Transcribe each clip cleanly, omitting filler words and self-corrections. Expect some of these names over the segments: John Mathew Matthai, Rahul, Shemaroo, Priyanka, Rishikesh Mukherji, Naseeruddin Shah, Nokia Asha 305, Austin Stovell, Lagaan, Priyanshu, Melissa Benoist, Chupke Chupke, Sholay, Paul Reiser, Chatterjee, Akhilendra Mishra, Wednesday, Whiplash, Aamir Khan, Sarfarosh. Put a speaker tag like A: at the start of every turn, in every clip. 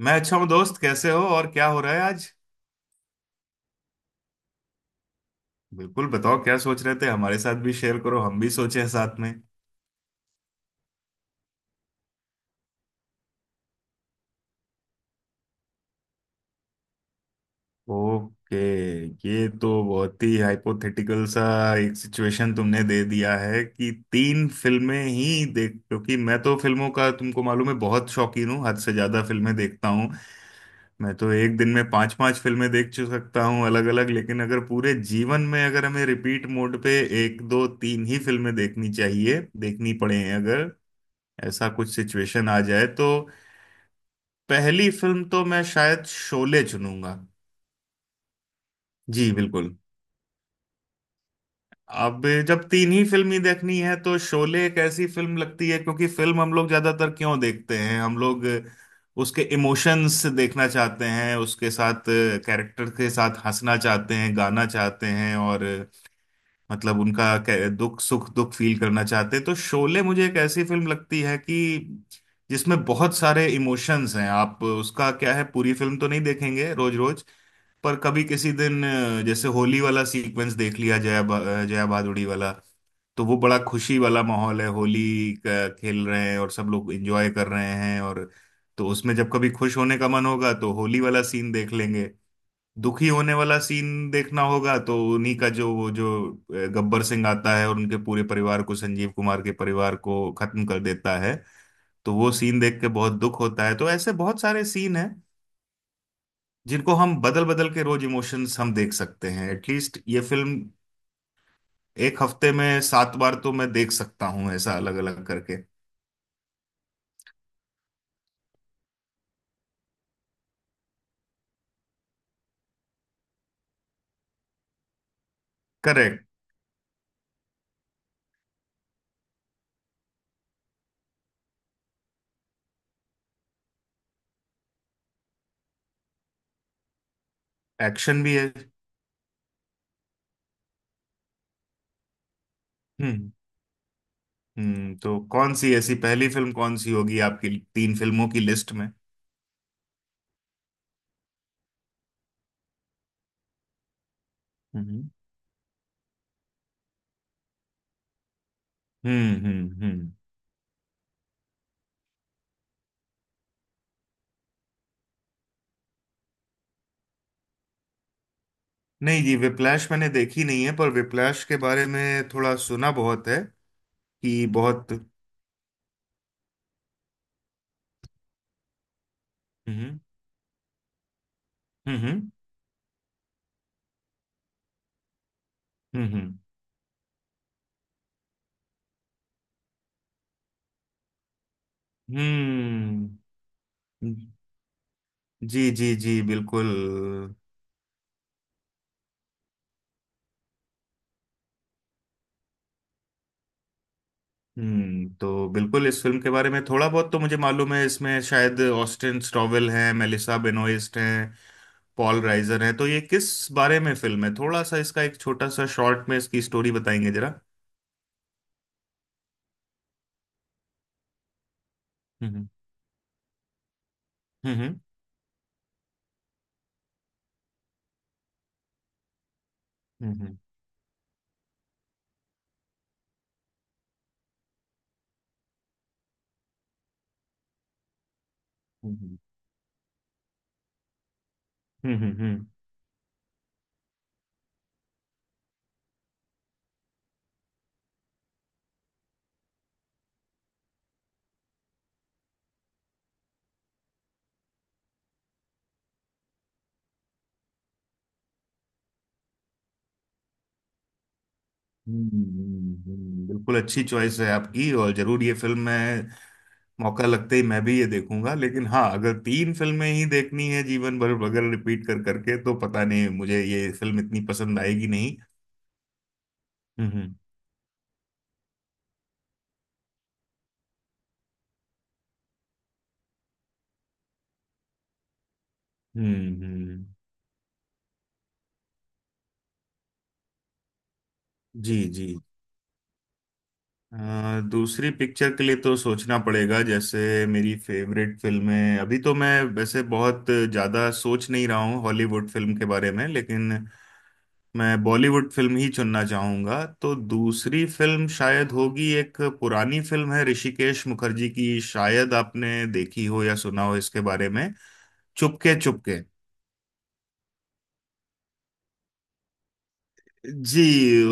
A: मैं अच्छा हूँ दोस्त, कैसे हो और क्या हो रहा है आज। बिल्कुल बताओ क्या सोच रहे थे, हमारे साथ भी शेयर करो, हम भी सोचे साथ में। ओके। ये तो बहुत ही हाइपोथेटिकल सा एक सिचुएशन तुमने दे दिया है कि तीन फिल्में ही देख, क्योंकि मैं तो फिल्मों का, तुमको मालूम है, बहुत शौकीन हूँ, हद से ज्यादा फिल्में देखता हूँ। मैं तो एक दिन में पांच पांच फिल्में देख सकता हूँ अलग अलग, लेकिन अगर पूरे जीवन में अगर हमें रिपीट मोड पे एक दो तीन ही फिल्में देखनी चाहिए, देखनी पड़े अगर ऐसा कुछ सिचुएशन आ जाए, तो पहली फिल्म तो मैं शायद शोले चुनूंगा। जी बिल्कुल। अब जब तीन ही फिल्म ही देखनी है तो शोले एक ऐसी फिल्म लगती है, क्योंकि फिल्म हम लोग ज्यादातर क्यों देखते हैं, हम लोग उसके इमोशंस देखना चाहते हैं, उसके साथ कैरेक्टर के साथ हंसना चाहते हैं, गाना चाहते हैं, और मतलब उनका दुख सुख दुख फील करना चाहते हैं। तो शोले मुझे एक ऐसी फिल्म लगती है कि जिसमें बहुत सारे इमोशंस हैं। आप उसका क्या है, पूरी फिल्म तो नहीं देखेंगे रोज रोज, पर कभी किसी दिन, जैसे होली वाला सीक्वेंस देख लिया, जया भादुड़ी वाला, तो वो बड़ा खुशी वाला माहौल है, होली का खेल रहे हैं और सब लोग एंजॉय कर रहे हैं, और तो उसमें जब कभी खुश होने का मन होगा तो होली वाला सीन देख लेंगे। दुखी होने वाला सीन देखना होगा तो उन्हीं का, जो वो जो गब्बर सिंह आता है और उनके पूरे परिवार को, संजीव कुमार के परिवार को खत्म कर देता है, तो वो सीन देख के बहुत दुख होता है। तो ऐसे बहुत सारे सीन हैं जिनको हम बदल बदल के रोज इमोशंस हम देख सकते हैं। एटलीस्ट ये फिल्म एक हफ्ते में सात बार तो मैं देख सकता हूँ ऐसा अलग अलग करके। करेक्ट। एक्शन भी है। हम्म, हम्म। तो कौन सी ऐसी पहली फिल्म कौन सी होगी आपकी तीन फिल्मों की लिस्ट में? हम्म, हम्म, हम्म, हम्म। नहीं जी, विप्लैश मैंने देखी नहीं है, पर विप्लैश के बारे में थोड़ा सुना बहुत है कि बहुत। हम्म, हम्म, हम्म, हम्म, हम्म। जी जी जी, बिल्कुल। हम्म। तो बिल्कुल इस फिल्म के बारे में थोड़ा बहुत तो मुझे मालूम है। इसमें शायद ऑस्टिन स्टॉवेल हैं, मेलिसा बेनोइस्ट हैं, पॉल राइजर हैं। तो ये किस बारे में फिल्म है, थोड़ा सा इसका एक छोटा सा शॉर्ट में इसकी स्टोरी बताएंगे जरा? हम्म, हम्म, हम्म, हम्म, हम्म, हम्म, हम्म, बिल्कुल अच्छी चॉइस है आपकी, और जरूर ये फिल्म मैं, मौका लगते ही मैं भी ये देखूंगा, लेकिन हाँ, अगर तीन फिल्में ही देखनी है जीवन भर अगर रिपीट कर करके, तो पता नहीं मुझे ये फिल्म इतनी पसंद आएगी नहीं। हम्म, हम्म, हम्म। जी जी। दूसरी पिक्चर के लिए तो सोचना पड़ेगा। जैसे मेरी फेवरेट फिल्में, अभी तो मैं वैसे बहुत ज्यादा सोच नहीं रहा हूँ हॉलीवुड फिल्म के बारे में, लेकिन मैं बॉलीवुड फिल्म ही चुनना चाहूंगा। तो दूसरी फिल्म शायद होगी एक पुरानी फिल्म है, ऋषिकेश मुखर्जी की, शायद आपने देखी हो या सुना हो इसके बारे में, चुपके चुपके। जी।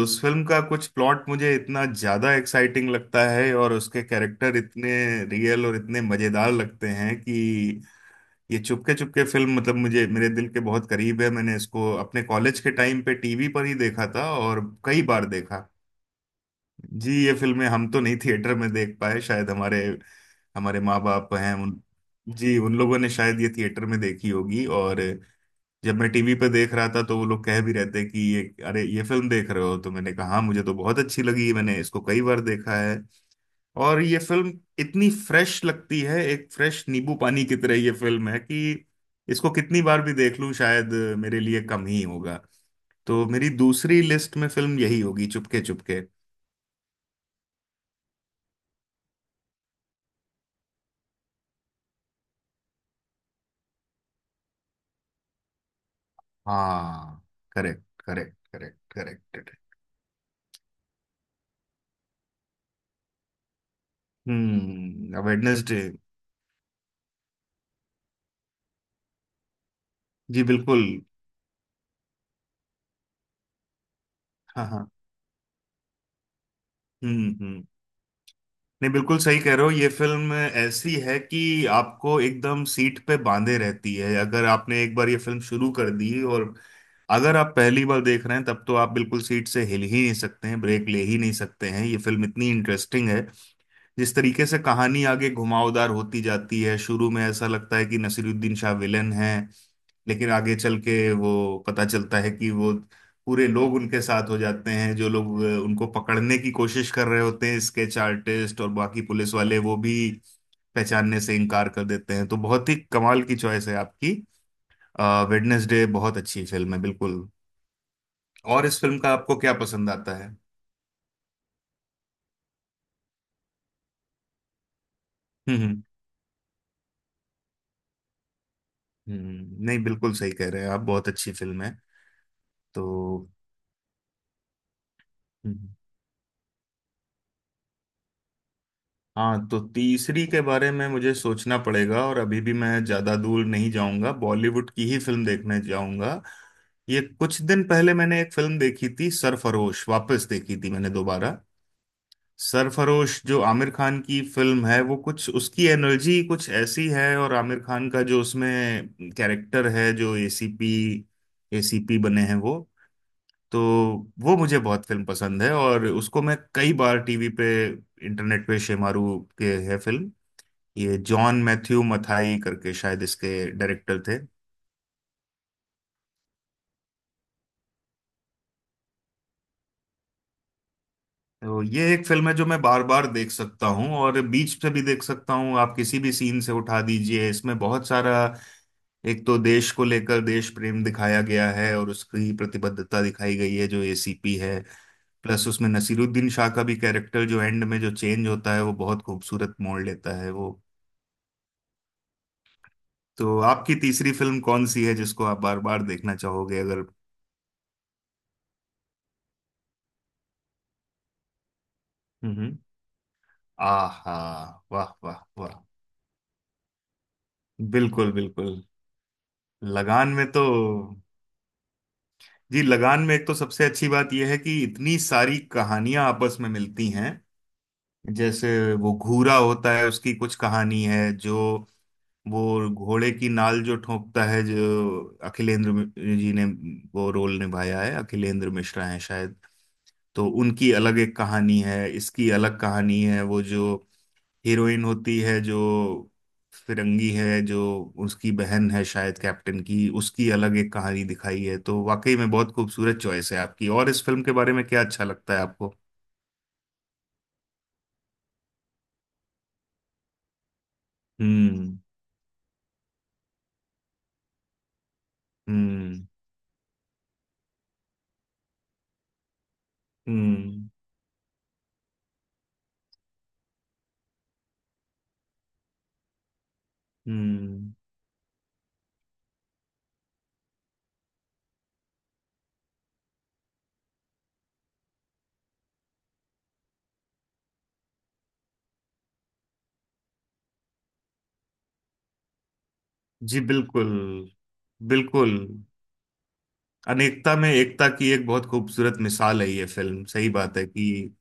A: उस फिल्म का कुछ प्लॉट मुझे इतना ज्यादा एक्साइटिंग लगता है, और उसके कैरेक्टर इतने रियल और इतने मजेदार लगते हैं कि ये चुपके चुपके फिल्म, मतलब मुझे, मेरे दिल के बहुत करीब है। मैंने इसको अपने कॉलेज के टाइम पे टीवी पर ही देखा था और कई बार देखा। जी, ये फिल्में हम तो नहीं थिएटर में देख पाए शायद, हमारे हमारे माँ बाप हैं उन, जी उन लोगों ने शायद ये थिएटर में देखी होगी, और जब मैं टीवी पे देख रहा था तो वो लोग कह भी रहते हैं कि ये, अरे ये फिल्म देख रहे हो, तो मैंने कहा "हाँ, मुझे तो बहुत अच्छी लगी, मैंने इसको कई बार देखा है।" और ये फिल्म इतनी फ्रेश लगती है, एक फ्रेश नींबू पानी की तरह ये फिल्म है कि इसको कितनी बार भी देख लूं शायद मेरे लिए कम ही होगा। तो मेरी दूसरी लिस्ट में फिल्म यही होगी, चुपके चुपके। हाँ, करेक्ट करेक्ट करेक्ट करेक्ट। हम्म, वेडनेसडे। जी बिल्कुल। हाँ, हाँ। हम्म, हम्म। नहीं, बिल्कुल सही कह रहे हो, ये फिल्म ऐसी है कि आपको एकदम सीट पे बांधे रहती है। अगर आपने एक बार ये फिल्म शुरू कर दी, और अगर आप पहली बार देख रहे हैं, तब तो आप बिल्कुल सीट से हिल ही नहीं सकते हैं, ब्रेक ले ही नहीं सकते हैं, ये फिल्म इतनी इंटरेस्टिंग है। जिस तरीके से कहानी आगे घुमावदार होती जाती है, शुरू में ऐसा लगता है कि नसीरुद्दीन शाह विलेन है, लेकिन आगे चल के वो, पता चलता है कि वो पूरे लोग उनके साथ हो जाते हैं, जो लोग उनको पकड़ने की कोशिश कर रहे होते हैं, स्केच आर्टिस्ट और बाकी पुलिस वाले, वो भी पहचानने से इनकार कर देते हैं। तो बहुत ही कमाल की चॉइस है आपकी, वेडनेसडे बहुत अच्छी फिल्म है बिल्कुल। और इस फिल्म का आपको क्या पसंद आता है? हम्म, हम्म। नहीं, बिल्कुल सही कह रहे हैं आप, बहुत अच्छी फिल्म है तो। हम्म। हाँ, तो तीसरी के बारे में मुझे सोचना पड़ेगा, और अभी भी मैं ज्यादा दूर नहीं जाऊंगा, बॉलीवुड की ही फिल्म देखने जाऊंगा। ये कुछ दिन पहले मैंने एक फिल्म देखी थी सरफरोश, वापस देखी थी मैंने दोबारा। सरफरोश जो आमिर खान की फिल्म है वो, कुछ उसकी एनर्जी कुछ ऐसी है, और आमिर खान का जो उसमें कैरेक्टर है, जो एसीपी, एसीपी बने हैं वो, तो वो मुझे बहुत फिल्म पसंद है, और उसको मैं कई बार टीवी पे, इंटरनेट पे शेमारू के है फिल्म। ये जॉन मैथ्यू मथाई करके शायद इसके डायरेक्टर थे। तो ये एक फिल्म है जो मैं बार बार देख सकता हूँ, और बीच से भी देख सकता हूँ, आप किसी भी सीन से उठा दीजिए, इसमें बहुत सारा, एक तो देश को लेकर देश प्रेम दिखाया गया है और उसकी प्रतिबद्धता दिखाई गई है जो एसीपी है। प्लस उसमें नसीरुद्दीन शाह का भी कैरेक्टर जो एंड में जो चेंज होता है वो बहुत खूबसूरत मोड़ लेता है वो। तो आपकी तीसरी फिल्म कौन सी है जिसको आप बार बार देखना चाहोगे अगर? हम्म। आहा, वाह वाह वाह। बिल्कुल, बिल्कुल। लगान में तो, जी लगान में एक तो सबसे अच्छी बात यह है कि इतनी सारी कहानियां आपस में मिलती हैं। जैसे, वो घूरा होता है उसकी कुछ कहानी है जो, वो घोड़े की नाल जो ठोंकता है जो, अखिलेंद्र जी ने वो रोल निभाया है, अखिलेंद्र मिश्रा है शायद। तो उनकी अलग एक कहानी है, इसकी अलग कहानी है। वो जो हीरोइन होती है, जो फिरंगी है, जो उसकी बहन है शायद कैप्टन की, उसकी अलग एक कहानी दिखाई है। तो वाकई में बहुत खूबसूरत चॉइस है आपकी, और इस फिल्म के बारे में क्या अच्छा लगता है आपको? हम्म, हम्म, हम्म, हम्म। जी बिल्कुल, बिल्कुल। अनेकता में एकता की एक बहुत खूबसूरत मिसाल है ये फिल्म, सही बात है कि,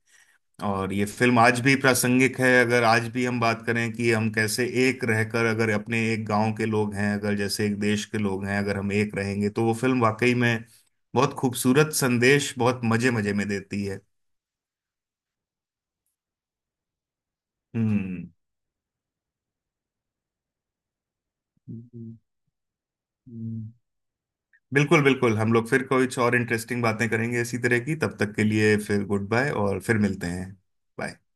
A: और ये फिल्म आज भी प्रासंगिक है। अगर आज भी हम बात करें कि हम कैसे एक रहकर, अगर अपने एक गांव के लोग हैं, अगर जैसे एक देश के लोग हैं, अगर हम एक रहेंगे, तो वो फिल्म वाकई में बहुत खूबसूरत संदेश बहुत मजे मजे में देती है। हम्म, हम्म, हम्म। बिल्कुल, बिल्कुल। हम लोग फिर कुछ और इंटरेस्टिंग बातें करेंगे इसी तरह की, तब तक के लिए फिर गुड बाय, और फिर मिलते हैं। Bye.